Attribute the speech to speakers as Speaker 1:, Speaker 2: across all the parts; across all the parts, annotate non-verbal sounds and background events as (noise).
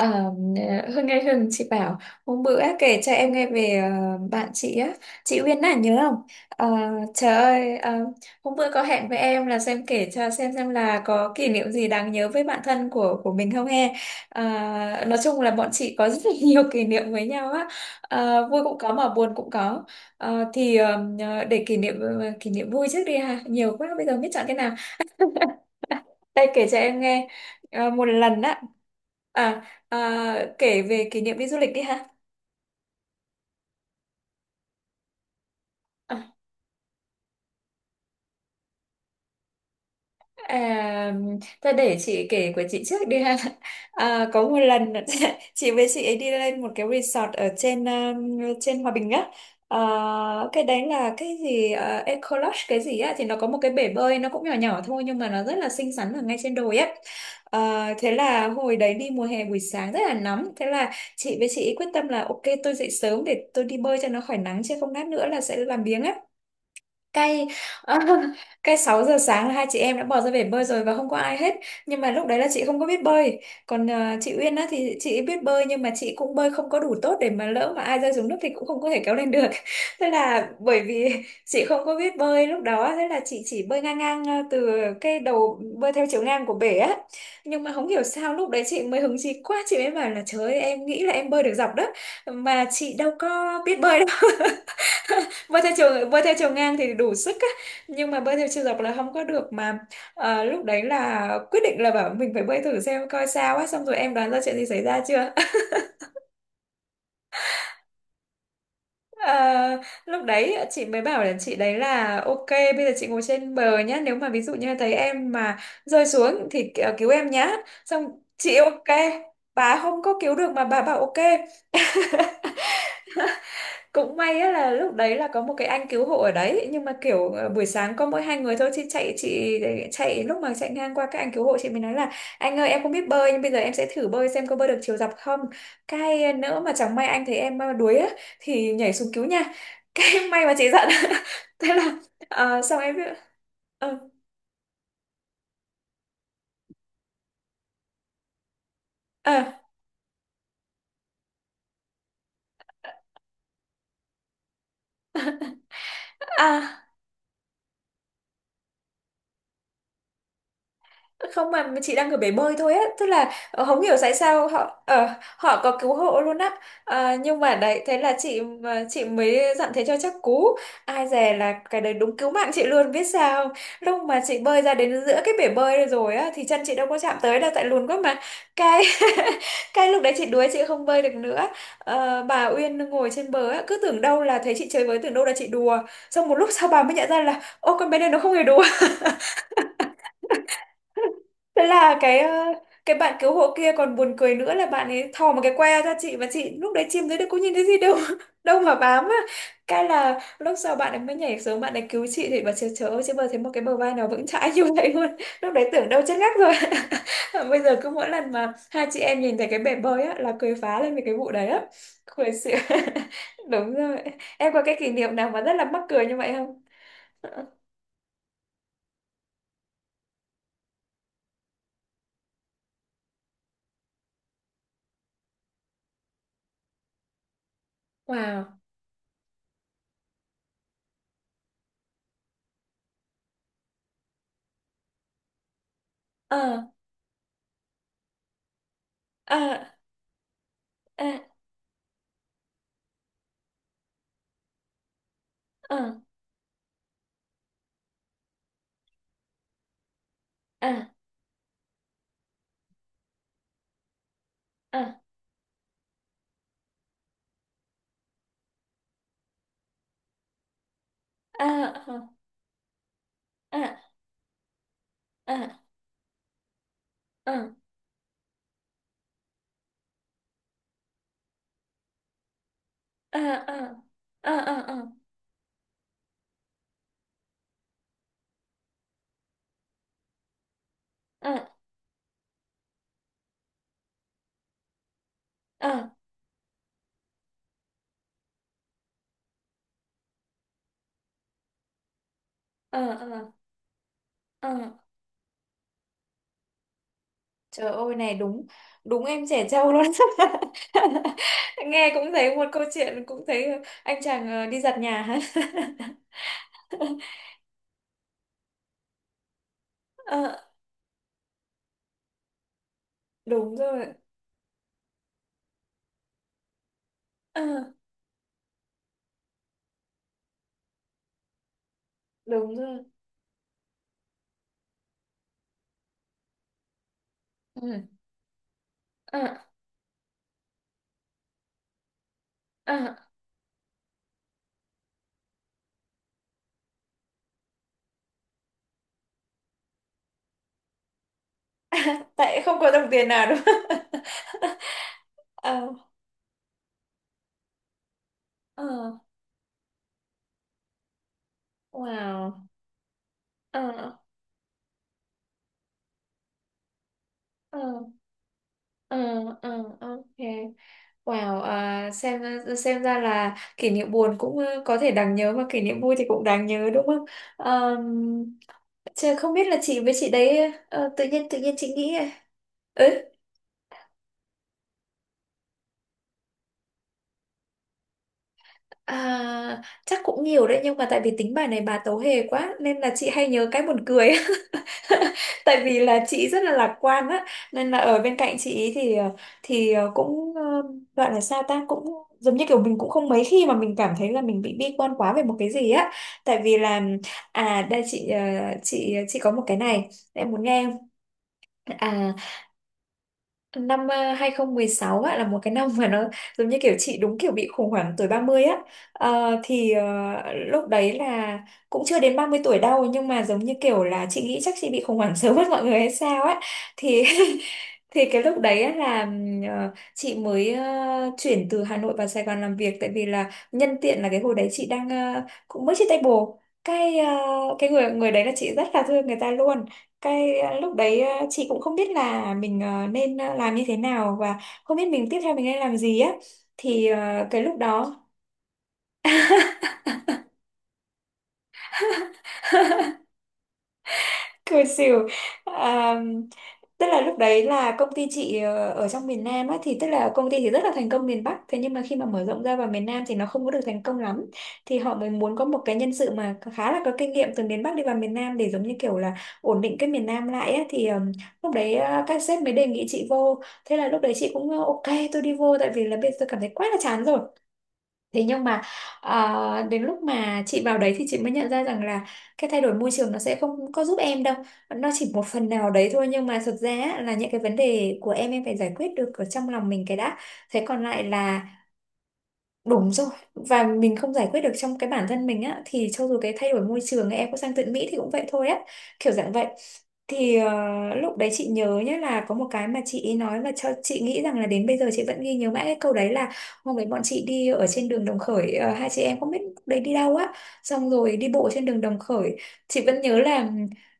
Speaker 1: Ờ, Hương nghe, Hương chị bảo hôm bữa kể cho em nghe về bạn chị á, chị Uyên à nhớ không? Ờ, Trời ơi, hôm bữa có hẹn với em là xem kể cho xem là có kỷ niệm gì đáng nhớ với bạn thân của mình không he? Ờ, nói chung là bọn chị có (laughs) rất là nhiều kỷ niệm với nhau á. Vui cũng có mà buồn cũng có. Ờ, thì ờ, để kỷ niệm vui trước đi ha, nhiều quá bây giờ biết chọn cái nào. Đây kể cho em nghe. Một lần á. à, Kể về kỷ niệm đi du lịch đi ha. À, À, Thôi để chị kể của chị trước đi ha. Có một lần (laughs) chị với chị ấy đi lên một cái resort ở trên trên Hòa Bình á. À, cái đấy là cái gì Eco Lodge cái gì á, thì nó có một cái bể bơi nó cũng nhỏ nhỏ thôi nhưng mà nó rất là xinh xắn ở ngay trên đồi á. Thế là hồi đấy đi mùa hè buổi sáng rất là nóng, thế là chị với chị ấy quyết tâm là ok tôi dậy sớm để tôi đi bơi cho nó khỏi nắng, chứ không lát nữa là sẽ làm biếng á. Cay. (laughs) Cay, 6 giờ sáng là hai chị em đã bỏ ra bể bơi rồi và không có ai hết, nhưng mà lúc đấy là chị không có biết bơi. Còn chị Uyên á thì chị ấy biết bơi nhưng mà chị cũng bơi không có đủ tốt để mà lỡ mà ai rơi xuống nước thì cũng không có thể kéo lên được. (laughs) Thế là bởi vì (laughs) chị không có biết bơi lúc đó, thế là chị chỉ bơi ngang ngang từ cái đầu bơi theo chiều ngang của bể á. Nhưng mà không hiểu sao lúc đấy chị mới hứng chí quá chị mới bảo là trời ơi, em nghĩ là em bơi được dọc đó, mà chị đâu có biết bơi đâu. (laughs) Bơi theo chiều ngang thì đủ sức á, nhưng mà bơi theo chiều dọc là không có được mà. Lúc đấy là quyết định là bảo mình phải bơi thử xem coi sao á, xong rồi em đoán ra chuyện gì xảy ra chưa? (laughs) Ờ, Lúc đấy chị mới bảo là chị đấy là ok bây giờ chị ngồi trên bờ nhá, nếu mà ví dụ như thấy em mà rơi xuống thì cứu em nhá. Xong chị ok, bà không có cứu được mà bà bảo ok. Cũng may á là lúc đấy là có một cái anh cứu hộ ở đấy, nhưng mà kiểu buổi sáng có mỗi hai người thôi, chị chạy lúc mà chạy ngang qua các anh cứu hộ chị mới nói là: anh ơi em không biết bơi nhưng bây giờ em sẽ thử bơi xem có bơi được chiều dọc không, cái nữa mà chẳng may anh thấy em đuối á, thì nhảy xuống cứu nha. (laughs) Cái may mà chị giận. (laughs) Thế là xong em biết. Ờ. Ờ. à, Không, mà chị đang ở bể bơi thôi á, tức là không hiểu tại sao họ, họ có cứu hộ luôn á. Nhưng mà đấy thế là chị, mà chị mới dặn thế cho chắc cú, ai dè là cái đấy đúng cứu mạng chị luôn biết sao không? Lúc mà chị bơi ra đến giữa cái bể bơi rồi á thì chân chị đâu có chạm tới đâu, tại lùn quá mà. Cái (laughs) cái lúc đấy chị đuối, chị không bơi được nữa. Bà Uyên ngồi trên bờ á cứ tưởng đâu là thấy chị chơi với, tưởng đâu là chị đùa, xong một lúc sau bà mới nhận ra là ô, con bé này nó không hề đùa. Thế là cái bạn cứu hộ kia còn buồn cười nữa là bạn ấy thò một cái que ra, chị và chị lúc đấy chìm dưới nước có nhìn thấy gì đâu. (laughs) Đâu mà bám á. Cái là lúc sau bạn ấy mới nhảy xuống bạn ấy cứu chị, thì bà chưa chớ ơi, chứ bờ thấy một cái bờ vai nào vững chãi như (laughs) vậy luôn. Lúc đấy tưởng đâu chết ngắt rồi. (laughs) Bây giờ cứ mỗi lần mà hai chị em nhìn thấy cái bể bơi á là cười phá lên về cái vụ đấy á, cười xỉu. (laughs) Đúng rồi. Em có cái kỷ niệm nào mà rất là mắc cười như vậy không? (laughs) Wow, ờ, à, à, à, à, à, à, à, à, à, à, à, à, à, à, à, à, à, à, trời ơi này đúng. Đúng em trẻ trâu luôn. (laughs) Nghe cũng thấy một câu chuyện cũng thấy, anh chàng đi giặt nhà hả? (laughs) Ờ, đúng rồi. Ờ, đúng rồi. Ừ. Ờ, ờ. (laughs) Tại không có đồng tiền nào đúng không? (laughs) Ờ, ờ, wow. Ờ, ờ, ờ, ờ, ờ, ok. Wow, xem ra là kỷ niệm buồn cũng có thể đáng nhớ mà kỷ niệm vui thì cũng đáng nhớ đúng không? Um, chứ không biết là chị với chị đấy, tự nhiên chị nghĩ ấy. Chắc cũng nhiều đấy nhưng mà tại vì tính bài này bà tấu hề quá nên là chị hay nhớ cái buồn cười. (laughs) Tại vì là chị rất là lạc quan á, nên là ở bên cạnh chị ý thì cũng gọi là sao ta, cũng giống như kiểu mình cũng không mấy khi mà mình cảm thấy là mình bị bi quan quá về một cái gì á. Tại vì là, đây chị, chị có một cái này em muốn nghe không? à Năm 2016 ạ là một cái năm mà nó giống như kiểu chị đúng kiểu bị khủng hoảng tuổi 30 á. Ờ, thì ờ, Lúc đấy là cũng chưa đến 30 tuổi đâu, nhưng mà giống như kiểu là chị nghĩ chắc chị bị khủng hoảng (laughs) sớm hơn mọi người hay sao á. Thì (laughs) thì cái lúc đấy á là chị mới chuyển từ Hà Nội vào Sài Gòn làm việc, tại vì là nhân tiện là cái hồi đấy chị đang cũng mới chia tay bồ. Cái ờ, cái người người đấy là chị rất là thương người ta luôn. Cái lúc đấy, chị cũng không biết là mình nên làm như thế nào và không biết mình tiếp theo mình nên làm gì á. Thì cái lúc đó, cười xỉu. à, Tức là lúc đấy là công ty chị ở trong miền Nam á, thì tức là công ty thì rất là thành công miền Bắc, thế nhưng mà khi mà mở rộng ra vào miền Nam thì nó không có được thành công lắm. Thì họ mới muốn có một cái nhân sự mà khá là có kinh nghiệm từ miền Bắc đi vào miền Nam để giống như kiểu là ổn định cái miền Nam lại á. Thì lúc đấy các sếp mới đề nghị chị vô, thế là lúc đấy chị cũng ok tôi đi vô, tại vì là bây giờ tôi cảm thấy quá là chán rồi. Thế nhưng mà đến lúc mà chị vào đấy thì chị mới nhận ra rằng là cái thay đổi môi trường nó sẽ không có giúp em đâu. Nó chỉ một phần nào đấy thôi nhưng mà thực ra á, là những cái vấn đề của em phải giải quyết được ở trong lòng mình cái đã. Thế còn lại là, đúng rồi, và mình không giải quyết được trong cái bản thân mình á thì cho dù cái thay đổi môi trường em có sang tận Mỹ thì cũng vậy thôi á, kiểu dạng vậy. Thì lúc đấy chị nhớ nhé là có một cái mà chị nói mà cho chị nghĩ rằng là đến bây giờ chị vẫn ghi nhớ mãi cái câu đấy là: hôm đấy bọn chị đi ở trên đường Đồng Khởi, hai chị em không biết lúc đấy đi đâu á, xong rồi đi bộ trên đường Đồng Khởi, chị vẫn nhớ là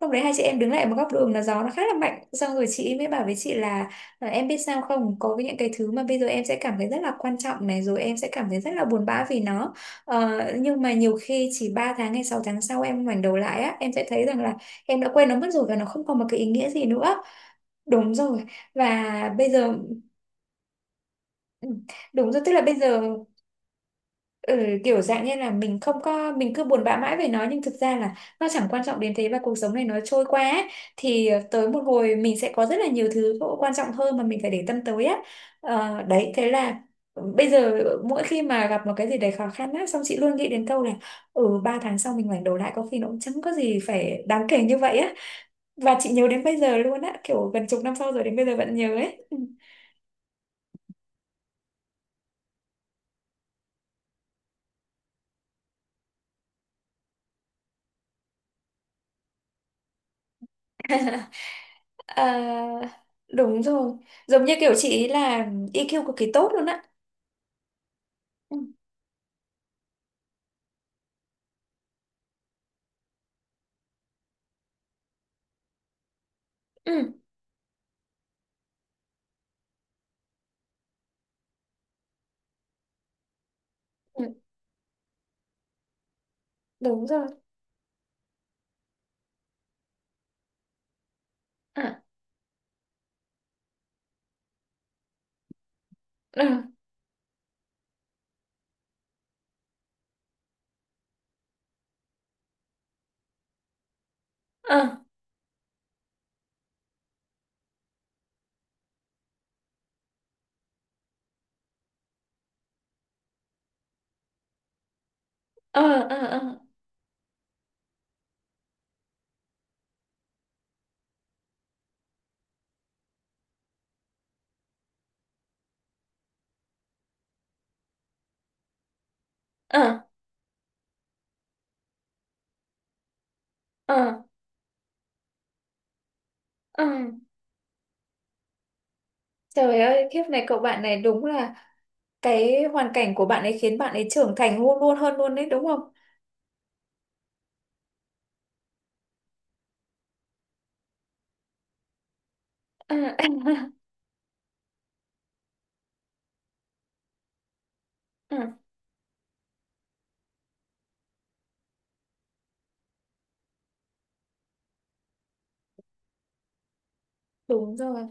Speaker 1: lúc đấy hai chị em đứng lại một góc đường là gió nó khá là mạnh, xong rồi chị mới bảo với chị là: và em biết sao không, có những cái thứ mà bây giờ em sẽ cảm thấy rất là quan trọng này rồi em sẽ cảm thấy rất là buồn bã vì nó, ờ, nhưng mà nhiều khi chỉ 3 tháng hay 6 tháng sau em ngoảnh đầu lại á, em sẽ thấy rằng là em đã quên nó mất rồi và nó không còn một cái ý nghĩa gì nữa, đúng rồi, và bây giờ, ừ, đúng rồi, tức là bây giờ, ừ, kiểu dạng như là mình không có, mình cứ buồn bã mãi về nó nhưng thực ra là nó chẳng quan trọng đến thế và cuộc sống này nó trôi qua ấy. Thì tới một hồi mình sẽ có rất là nhiều thứ quan trọng hơn mà mình phải để tâm tới á. Đấy thế là bây giờ mỗi khi mà gặp một cái gì đấy khó khăn á xong chị luôn nghĩ đến câu là: ừ, 3 tháng sau mình ngoảnh đầu lại có khi nó cũng chẳng có gì phải đáng kể như vậy á. Và chị nhớ đến bây giờ luôn á, kiểu gần chục năm sau rồi đến bây giờ vẫn nhớ ấy. Ừ. à, Đúng rồi, giống như kiểu chị ý là EQ cực kỳ tốt luôn á. Ừ, ừ, ừ, đúng rồi. À, ừ, à, ờ, ờ, ờ, ờ, ờ, ờ. Trời ơi kiếp này cậu bạn này đúng là, cái hoàn cảnh của bạn ấy khiến bạn ấy trưởng thành luôn luôn hơn luôn đấy đúng không? À, (laughs) à, đúng rồi.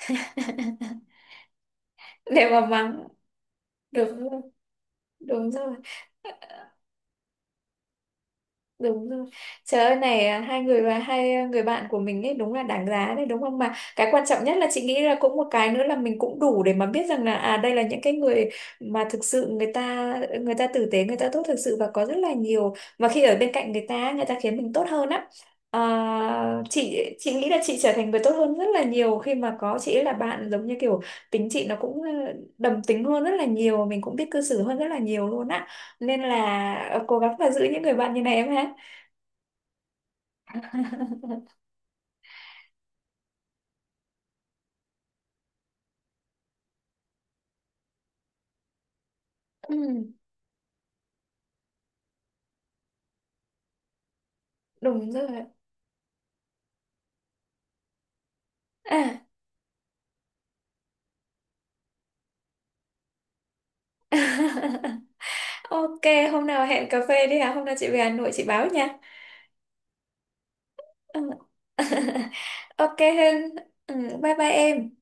Speaker 1: (laughs) Để mà mắng. Đúng rồi. Đúng rồi. Đúng rồi. Trời ơi này, hai người và hai người bạn của mình ấy đúng là đáng giá đấy đúng không? Mà cái quan trọng nhất là chị nghĩ là cũng một cái nữa là mình cũng đủ để mà biết rằng là, đây là những cái người mà thực sự người ta, người ta tử tế, người ta tốt thực sự và có rất là nhiều, và khi ở bên cạnh người ta, người ta khiến mình tốt hơn á. Chị nghĩ là chị trở thành người tốt hơn rất là nhiều khi mà có chị ấy là bạn, giống như kiểu tính chị nó cũng đồng tính hơn rất là nhiều, mình cũng biết cư xử hơn rất là nhiều luôn á, nên là cố gắng mà giữ những người bạn như này em ha. Ừ, đúng rồi. À. (laughs) Ok, hôm nào hẹn cà phê đi hả? Hôm nào chị về Hà Nội chị báo nha. Ừ. (laughs) Ok Hưng, ừ, bye bye em.